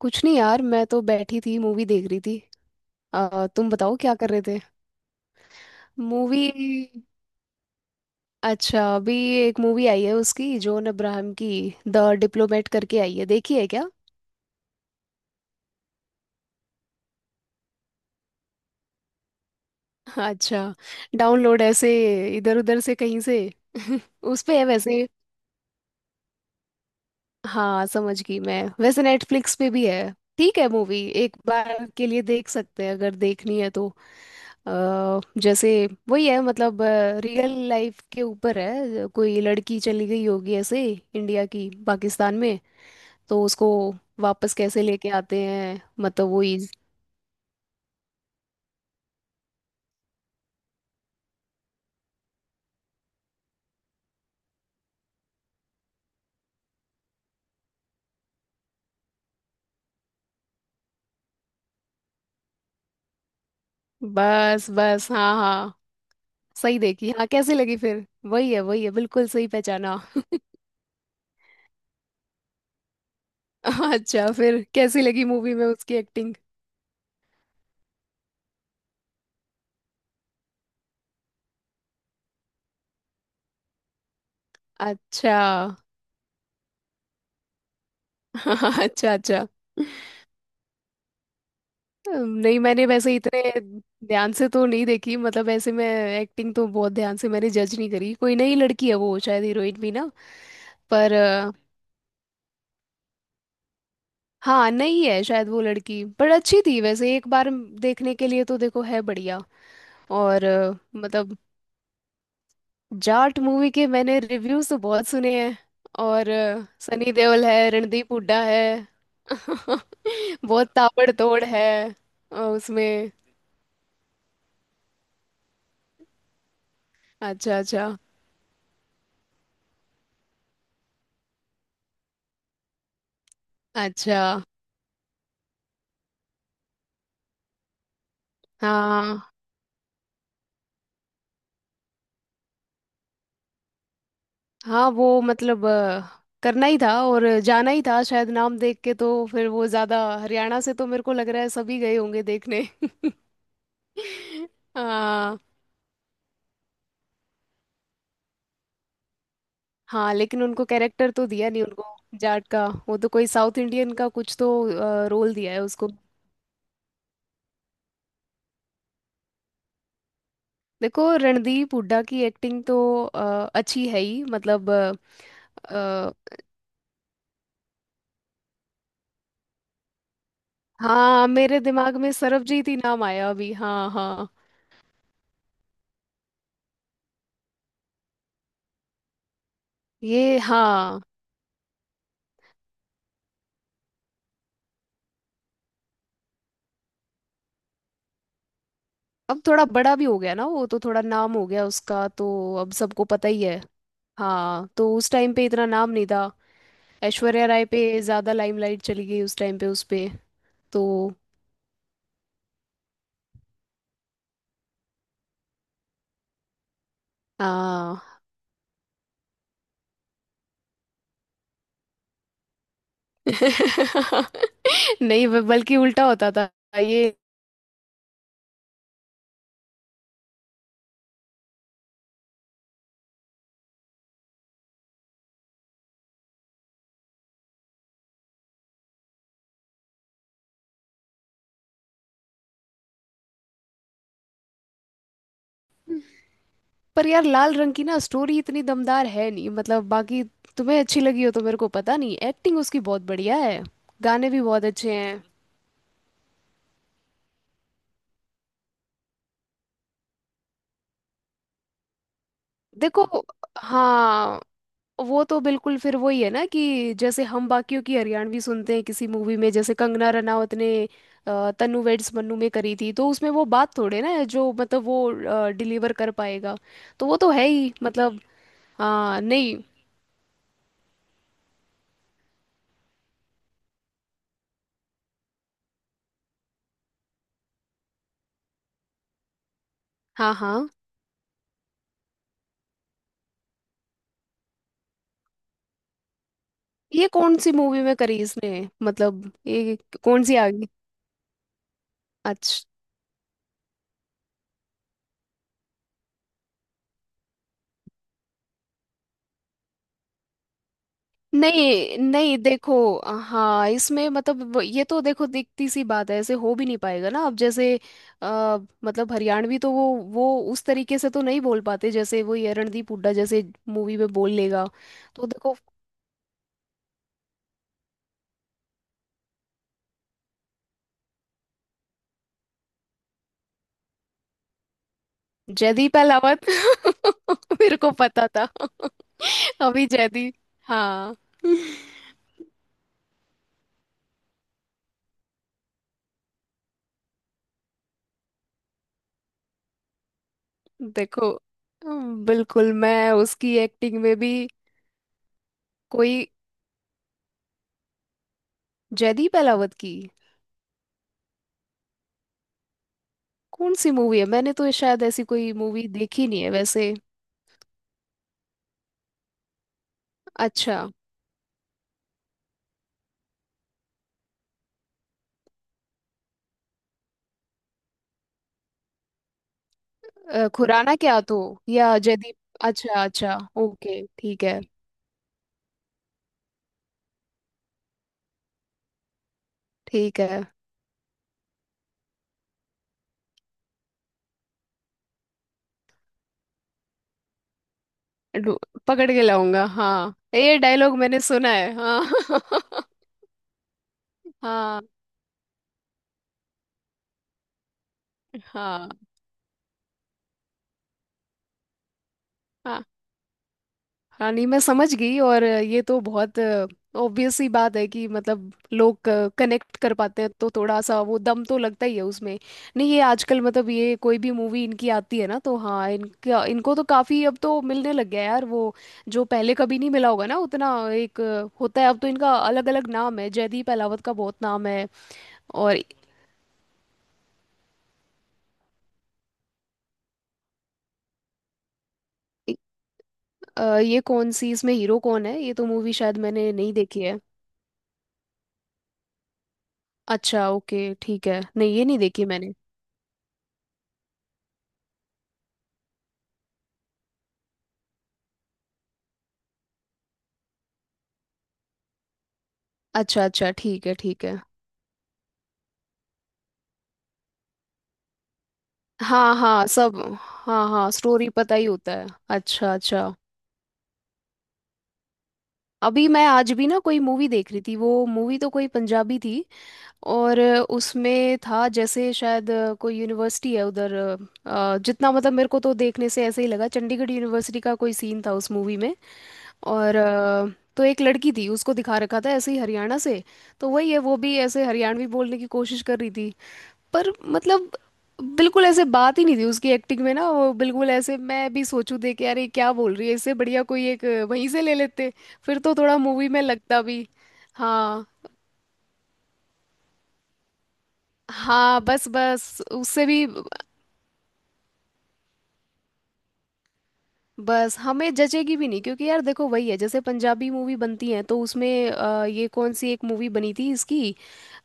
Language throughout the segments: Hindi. कुछ नहीं यार, मैं तो बैठी थी मूवी देख रही थी। तुम बताओ क्या कर रहे थे। मूवी। अच्छा, अभी एक मूवी आई है उसकी जॉन अब्राहम की, द डिप्लोमेट करके आई है, देखी है क्या? अच्छा, डाउनलोड ऐसे इधर उधर से कहीं से। उस पे है वैसे। हाँ, समझ गई मैं, वैसे नेटफ्लिक्स पे भी है। ठीक है, मूवी एक बार के लिए देख सकते हैं अगर देखनी है तो। अ, जैसे वही है मतलब, रियल लाइफ के ऊपर है, कोई लड़की चली गई होगी ऐसे, इंडिया की पाकिस्तान में, तो उसको वापस कैसे लेके आते हैं मतलब वही। बस बस, हाँ हाँ। सही देखी, हाँ। कैसी लगी फिर? वही है, वही है, बिल्कुल सही पहचाना। अच्छा, फिर कैसी लगी मूवी में उसकी एक्टिंग? अच्छा। अच्छा अच्छा, नहीं मैंने वैसे इतने ध्यान से तो नहीं देखी, मतलब ऐसे मैं एक्टिंग तो बहुत ध्यान से मैंने जज नहीं करी, कोई नई लड़की है वो शायद, हीरोइन भी ना। पर हाँ नहीं है शायद वो लड़की, पर अच्छी थी वैसे, एक बार देखने के लिए तो देखो है बढ़िया। और मतलब जाट मूवी के मैंने रिव्यूज तो बहुत सुने हैं, और सनी देओल है, रणदीप हुड्डा है। बहुत ताबड़तोड़ है। उसमें। अच्छा अच्छा। अच्छा। हाँ हाँ, वो मतलब करना ही था और जाना ही था शायद, नाम देख के तो फिर वो ज्यादा हरियाणा से, तो मेरे को लग रहा है सभी गए होंगे देखने। हाँ। हाँ, लेकिन उनको कैरेक्टर तो दिया नहीं उनको जाट का, वो तो कोई साउथ इंडियन का कुछ तो रोल दिया है उसको। देखो रणदीप हुड्डा की एक्टिंग तो अच्छी है ही मतलब अ, हाँ मेरे दिमाग में सरबजीत ही नाम आया अभी, हाँ हाँ। ये हाँ। अब थोड़ा बड़ा भी हो गया ना वो, तो थोड़ा नाम हो गया उसका तो अब सबको पता ही है। हाँ, तो उस टाइम पे इतना नाम नहीं था, ऐश्वर्या राय पे ज्यादा लाइमलाइट चली गई उस टाइम पे उस पे। तो हाँ। नहीं बल्कि उल्टा होता था ये। पर यार लाल रंग की ना स्टोरी इतनी दमदार है नहीं, मतलब बाकी तुम्हें अच्छी लगी हो तो, मेरे को पता नहीं, एक्टिंग उसकी बहुत बढ़िया है। गाने भी बहुत अच्छे हैं। देखो हाँ, वो तो बिल्कुल फिर वही है ना, कि जैसे हम बाकियों की हरियाणवी सुनते हैं किसी मूवी में, जैसे कंगना रनावत ने तन्नू वेड्स मन्नू में करी थी, तो उसमें वो बात थोड़े ना है जो मतलब वो डिलीवर कर पाएगा, तो वो तो है ही मतलब। हाँ नहीं। हाँ हाँ। ये कौन सी मूवी में करी इसने, मतलब ये कौन सी आ गई? अच्छा। नहीं नहीं देखो, हाँ इसमें मतलब ये तो देखो दिखती सी बात है, ऐसे हो भी नहीं पाएगा ना, अब जैसे आ, मतलब हरियाणवी तो वो उस तरीके से तो नहीं बोल पाते, जैसे वो ये रणदीप हुड्डा जैसे मूवी में बोल लेगा। तो देखो जयदीप अहलावत, मेरे को पता था। अभी जयदीप, हाँ। देखो बिल्कुल, मैं उसकी एक्टिंग में भी कोई जयदीप अहलावत की कौन सी मूवी है, मैंने तो शायद ऐसी कोई मूवी देखी नहीं है वैसे। अच्छा खुराना क्या तो या जयदीप? अच्छा अच्छा ओके ठीक है ठीक है। ढू- पकड़ के लाऊंगा, हाँ, ये डायलॉग मैंने सुना है, हाँ। हाँ। हाँ हाँ हाँ। नहीं, मैं समझ गई, और ये तो बहुत ऑब्वियस सी बात है कि मतलब लोग कनेक्ट कर पाते हैं, तो थोड़ा सा वो दम तो लगता ही है उसमें। नहीं, ये आजकल मतलब ये कोई भी मूवी इनकी आती है ना, तो हाँ इनका इनको तो काफ़ी अब तो मिलने लग गया यार वो, जो पहले कभी नहीं मिला होगा ना उतना, एक होता है अब तो इनका, अलग अलग नाम है, जयदीप अहलावत का बहुत नाम है। और इ- ये कौन सी, इसमें हीरो कौन है? ये तो मूवी शायद मैंने नहीं देखी है। अच्छा ओके ठीक है, नहीं ये नहीं देखी मैंने। अच्छा अच्छा ठीक है ठीक है। हाँ हाँ सब, हाँ हाँ स्टोरी पता ही होता है, अच्छा अच्छा। अभी मैं आज भी ना कोई मूवी देख रही थी, वो मूवी तो कोई पंजाबी थी, और उसमें था जैसे शायद कोई यूनिवर्सिटी है उधर, जितना मतलब मेरे को तो देखने से ऐसे ही लगा, चंडीगढ़ यूनिवर्सिटी का कोई सीन था उस मूवी में, और तो एक लड़की थी उसको दिखा रखा था ऐसे ही हरियाणा से, तो वही है, वो भी ऐसे हरियाणवी बोलने की कोशिश कर रही थी। पर मतलब बिल्कुल ऐसे बात ही नहीं थी उसकी एक्टिंग में ना, वो बिल्कुल ऐसे मैं भी सोचूं देख के, अरे क्या बोल रही है, इससे बढ़िया कोई एक वहीं से ले लेते, फिर तो थोड़ा मूवी में लगता भी। हाँ हाँ, बस बस उससे भी। बस हमें जचेगी भी नहीं, क्योंकि यार देखो वही है, जैसे पंजाबी मूवी बनती है तो उसमें ये कौन सी एक मूवी बनी थी इसकी,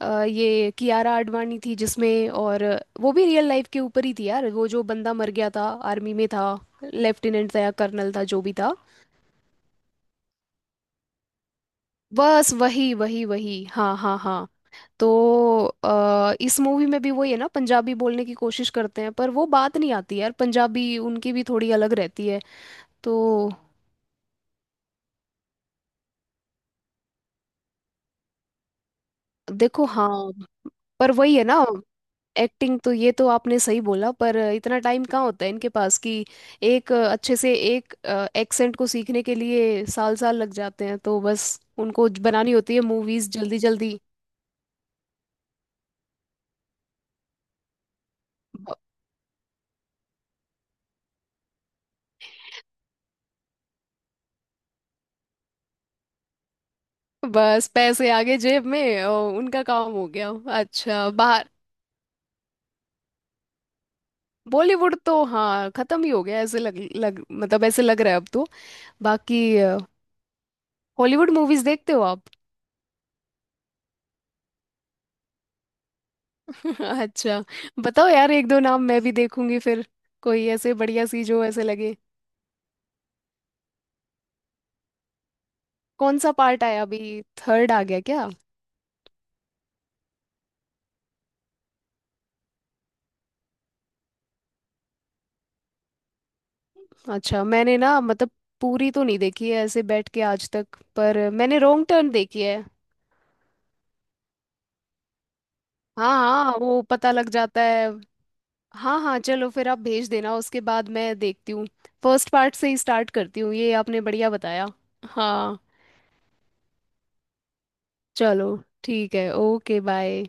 ये कियारा आडवाणी थी जिसमें, और वो भी रियल लाइफ के ऊपर ही थी यार वो, जो बंदा मर गया था, आर्मी में था, लेफ्टिनेंट था या कर्नल था जो भी था। बस वही वही वही, हाँ हाँ हाँ। तो इस मूवी में भी वही है ना, पंजाबी बोलने की कोशिश करते हैं, पर वो बात नहीं आती यार, पंजाबी उनकी भी थोड़ी अलग रहती है। तो देखो हाँ, पर वही है ना, एक्टिंग तो ये तो आपने सही बोला, पर इतना टाइम कहाँ होता है इनके पास कि एक अच्छे से एक एक्सेंट को सीखने के लिए साल साल लग जाते हैं, तो बस उनको बनानी होती है मूवीज जल्दी जल्दी। ब- बस पैसे आगे जेब में और उनका काम हो गया। अच्छा बाहर बॉलीवुड तो हाँ खत्म ही हो गया, ऐसे लग लग मतलब, ऐसे लग रहा है अब तो। बाकी हॉलीवुड मूवीज देखते हो आप? अच्छा, बताओ यार एक दो नाम मैं भी देखूंगी फिर, कोई ऐसे बढ़िया सी जो ऐसे लगे। कौन सा पार्ट आया अभी, थर्ड आ गया क्या? अच्छा, मैंने ना मतलब पूरी तो नहीं देखी है ऐसे बैठ के आज तक, पर मैंने रॉन्ग टर्न देखी है। हाँ हाँ, वो पता लग जाता है। हाँ हाँ, चलो फिर आप भेज देना उसके बाद मैं देखती हूँ, फर्स्ट पार्ट से ही स्टार्ट करती हूँ, ये आपने बढ़िया बताया। हाँ, चलो ठीक है ओके बाय।